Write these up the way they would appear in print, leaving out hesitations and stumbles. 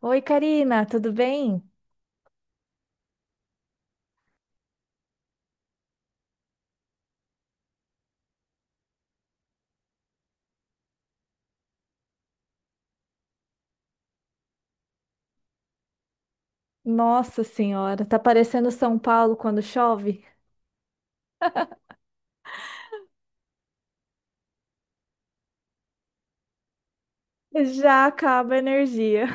Oi, Karina, tudo bem? Nossa Senhora, tá parecendo São Paulo quando chove? Já acaba a energia.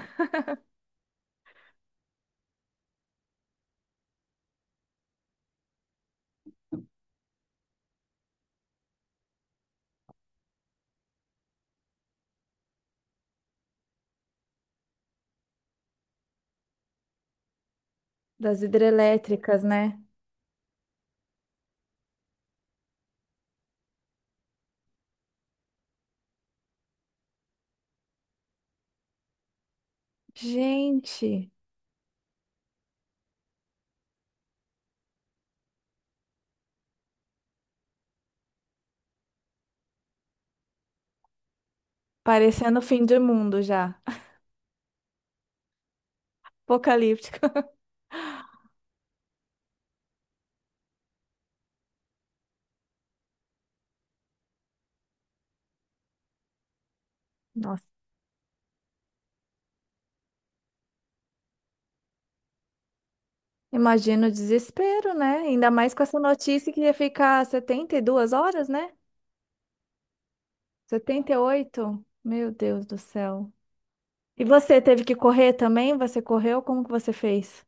Das hidrelétricas, né? Gente, parecendo o fim do mundo já. Apocalíptico. Nossa, imagina o desespero, né? Ainda mais com essa notícia que ia ficar 72 horas, né? Setenta e oito. Meu Deus do céu. E você teve que correr também? Você correu? Como que você fez?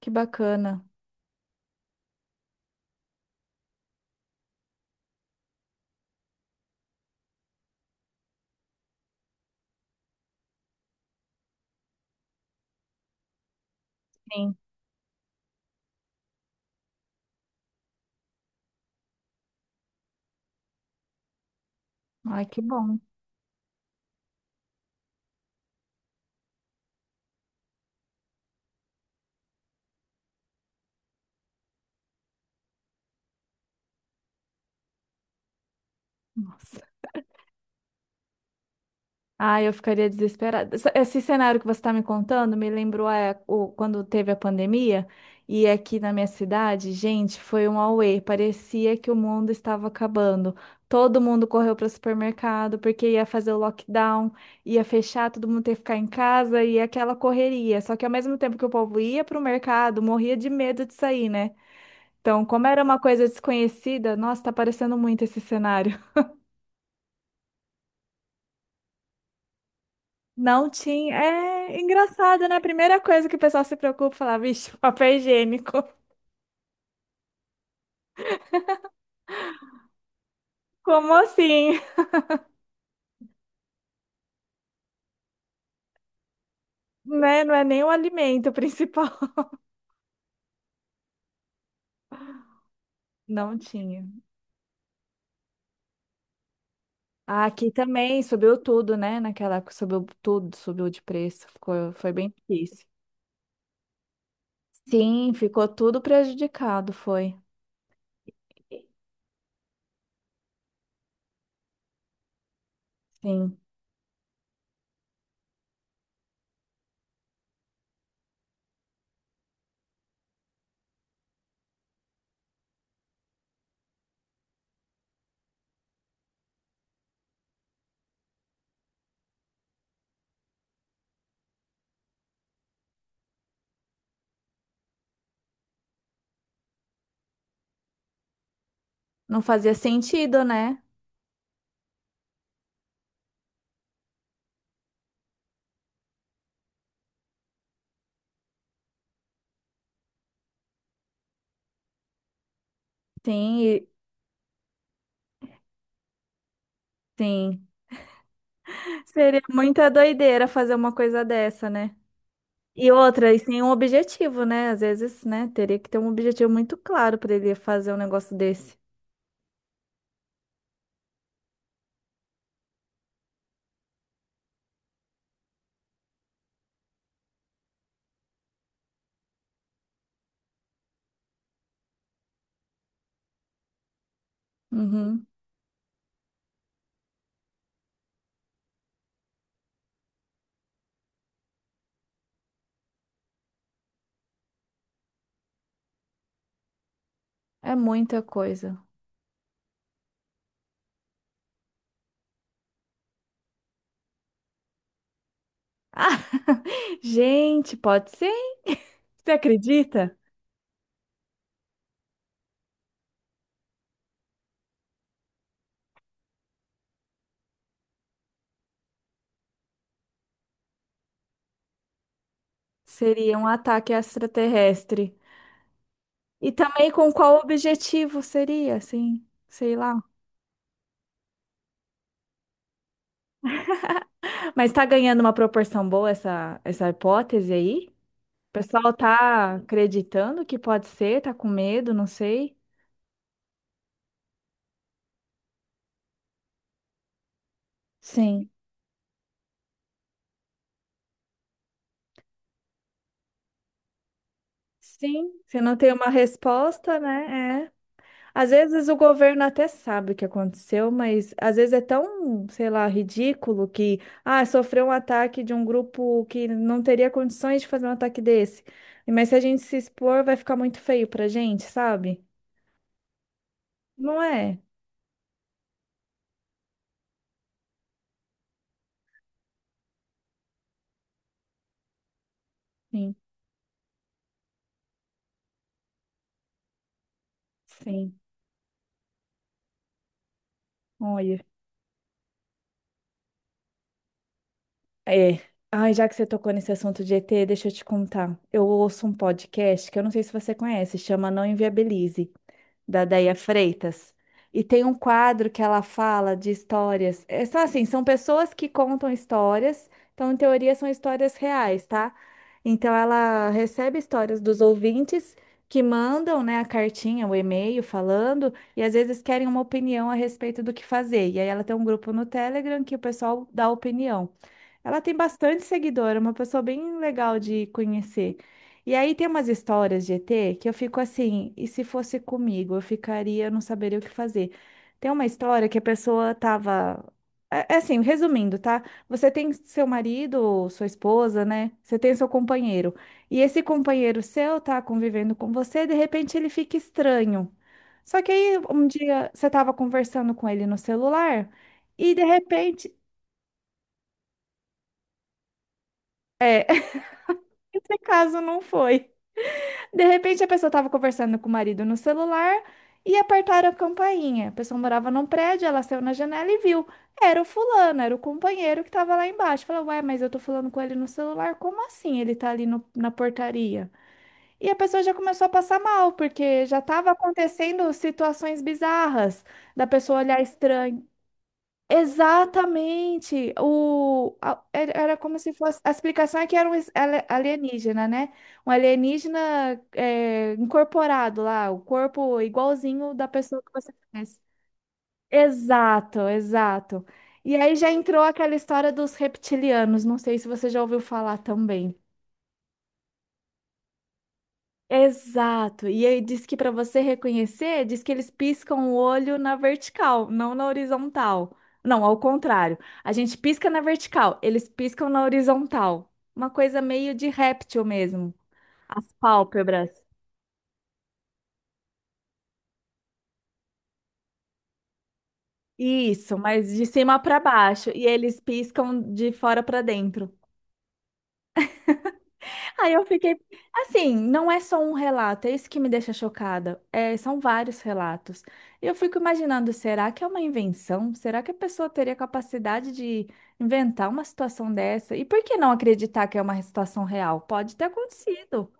Que bacana. Sim. Ai, que bom. Nossa. Ah, eu ficaria desesperada. Esse cenário que você está me contando me lembrou o, quando teve a pandemia e aqui na minha cidade, gente, foi um auê. Parecia que o mundo estava acabando. Todo mundo correu para o supermercado porque ia fazer o lockdown, ia fechar, todo mundo ia ficar em casa e aquela correria. Só que ao mesmo tempo que o povo ia para o mercado, morria de medo de sair, né? Então, como era uma coisa desconhecida, nossa, tá parecendo muito esse cenário. Não tinha. É engraçado, né? A primeira coisa que o pessoal se preocupa, é falar, vixe, papel higiênico. Como assim? Né? Não é nem o alimento principal. Não tinha. Ah, aqui também subiu tudo, né? Naquela época subiu tudo, subiu de preço. Ficou, foi bem difícil. Sim, ficou tudo prejudicado, foi. Sim. Não fazia sentido, né? Sim, e- sim. Seria muita doideira fazer uma coisa dessa, né? E outra, e sem um objetivo, né? Às vezes, né? Teria que ter um objetivo muito claro para ele fazer um negócio desse. Uhum. É muita coisa. Ah, gente, pode ser? Você acredita? Seria um ataque extraterrestre. E também com qual objetivo seria, assim? Sei lá. Mas tá ganhando uma proporção boa essa, essa hipótese aí? O pessoal tá acreditando que pode ser, tá com medo, não sei. Sim. Sim, se não tem uma resposta, né? É. Às vezes o governo até sabe o que aconteceu, mas às vezes é tão, sei lá, ridículo que, ah, sofreu um ataque de um grupo que não teria condições de fazer um ataque desse. Mas se a gente se expor, vai ficar muito feio pra gente, sabe? Não é? Sim, sim. Olha. É. Ai, já que você tocou nesse assunto de ET, deixa eu te contar. Eu ouço um podcast que eu não sei se você conhece, chama Não Inviabilize, da Déia Freitas. E tem um quadro que ela fala de histórias. É só assim, são pessoas que contam histórias, então em teoria são histórias reais, tá? Então ela recebe histórias dos ouvintes que mandam, né, a cartinha, o e-mail falando, e às vezes querem uma opinião a respeito do que fazer. E aí ela tem um grupo no Telegram que o pessoal dá opinião. Ela tem bastante seguidor, é uma pessoa bem legal de conhecer. E aí tem umas histórias de ET que eu fico assim, e se fosse comigo, eu ficaria, eu não saberia o que fazer. Tem uma história que a pessoa tava. É assim, resumindo, tá? Você tem seu marido, sua esposa, né? Você tem seu companheiro. E esse companheiro seu tá convivendo com você, de repente ele fica estranho. Só que aí um dia você tava conversando com ele no celular e de repente esse caso não foi. De repente a pessoa estava conversando com o marido no celular e apertaram a campainha. A pessoa morava num prédio, ela saiu na janela e viu. Era o fulano, era o companheiro que estava lá embaixo. Falou, ué, mas eu tô falando com ele no celular, como assim ele tá ali no- na portaria? E a pessoa já começou a passar mal, porque já estava acontecendo situações bizarras da pessoa olhar estranho. Exatamente. O, era era como se fosse. A explicação é que era um alienígena, né? Um alienígena é, incorporado lá, o corpo igualzinho da pessoa que você conhece. Exato, exato. E aí já entrou aquela história dos reptilianos. Não sei se você já ouviu falar também. Exato. E aí diz que para você reconhecer, diz que eles piscam o olho na vertical, não na horizontal. Não, ao contrário. A gente pisca na vertical, eles piscam na horizontal. Uma coisa meio de réptil mesmo. As pálpebras. Isso, mas de cima para baixo. E eles piscam de fora para dentro. Aí eu fiquei, assim, não é só um relato, é isso que me deixa chocada. É, são vários relatos. E eu fico imaginando, será que é uma invenção? Será que a pessoa teria capacidade de inventar uma situação dessa? E por que não acreditar que é uma situação real? Pode ter acontecido.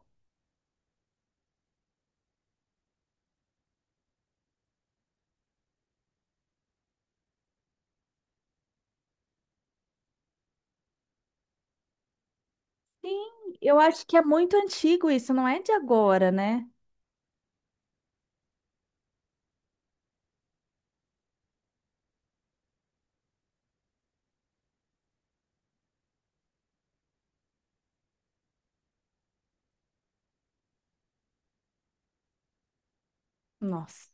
Sim, eu acho que é muito antigo isso, não é de agora, né? Nossa.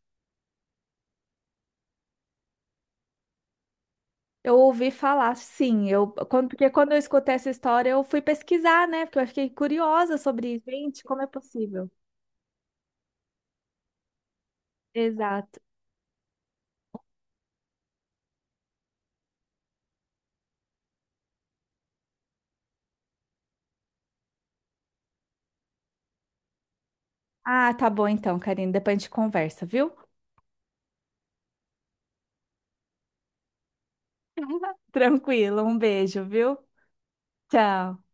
Eu ouvi falar, sim, eu, porque quando eu escutei essa história, eu fui pesquisar, né? Porque eu fiquei curiosa sobre isso. Gente, como é possível? Exato. Ah, tá bom então, Karine. Depois a gente conversa, viu? Tranquilo, um beijo, viu? Tchau.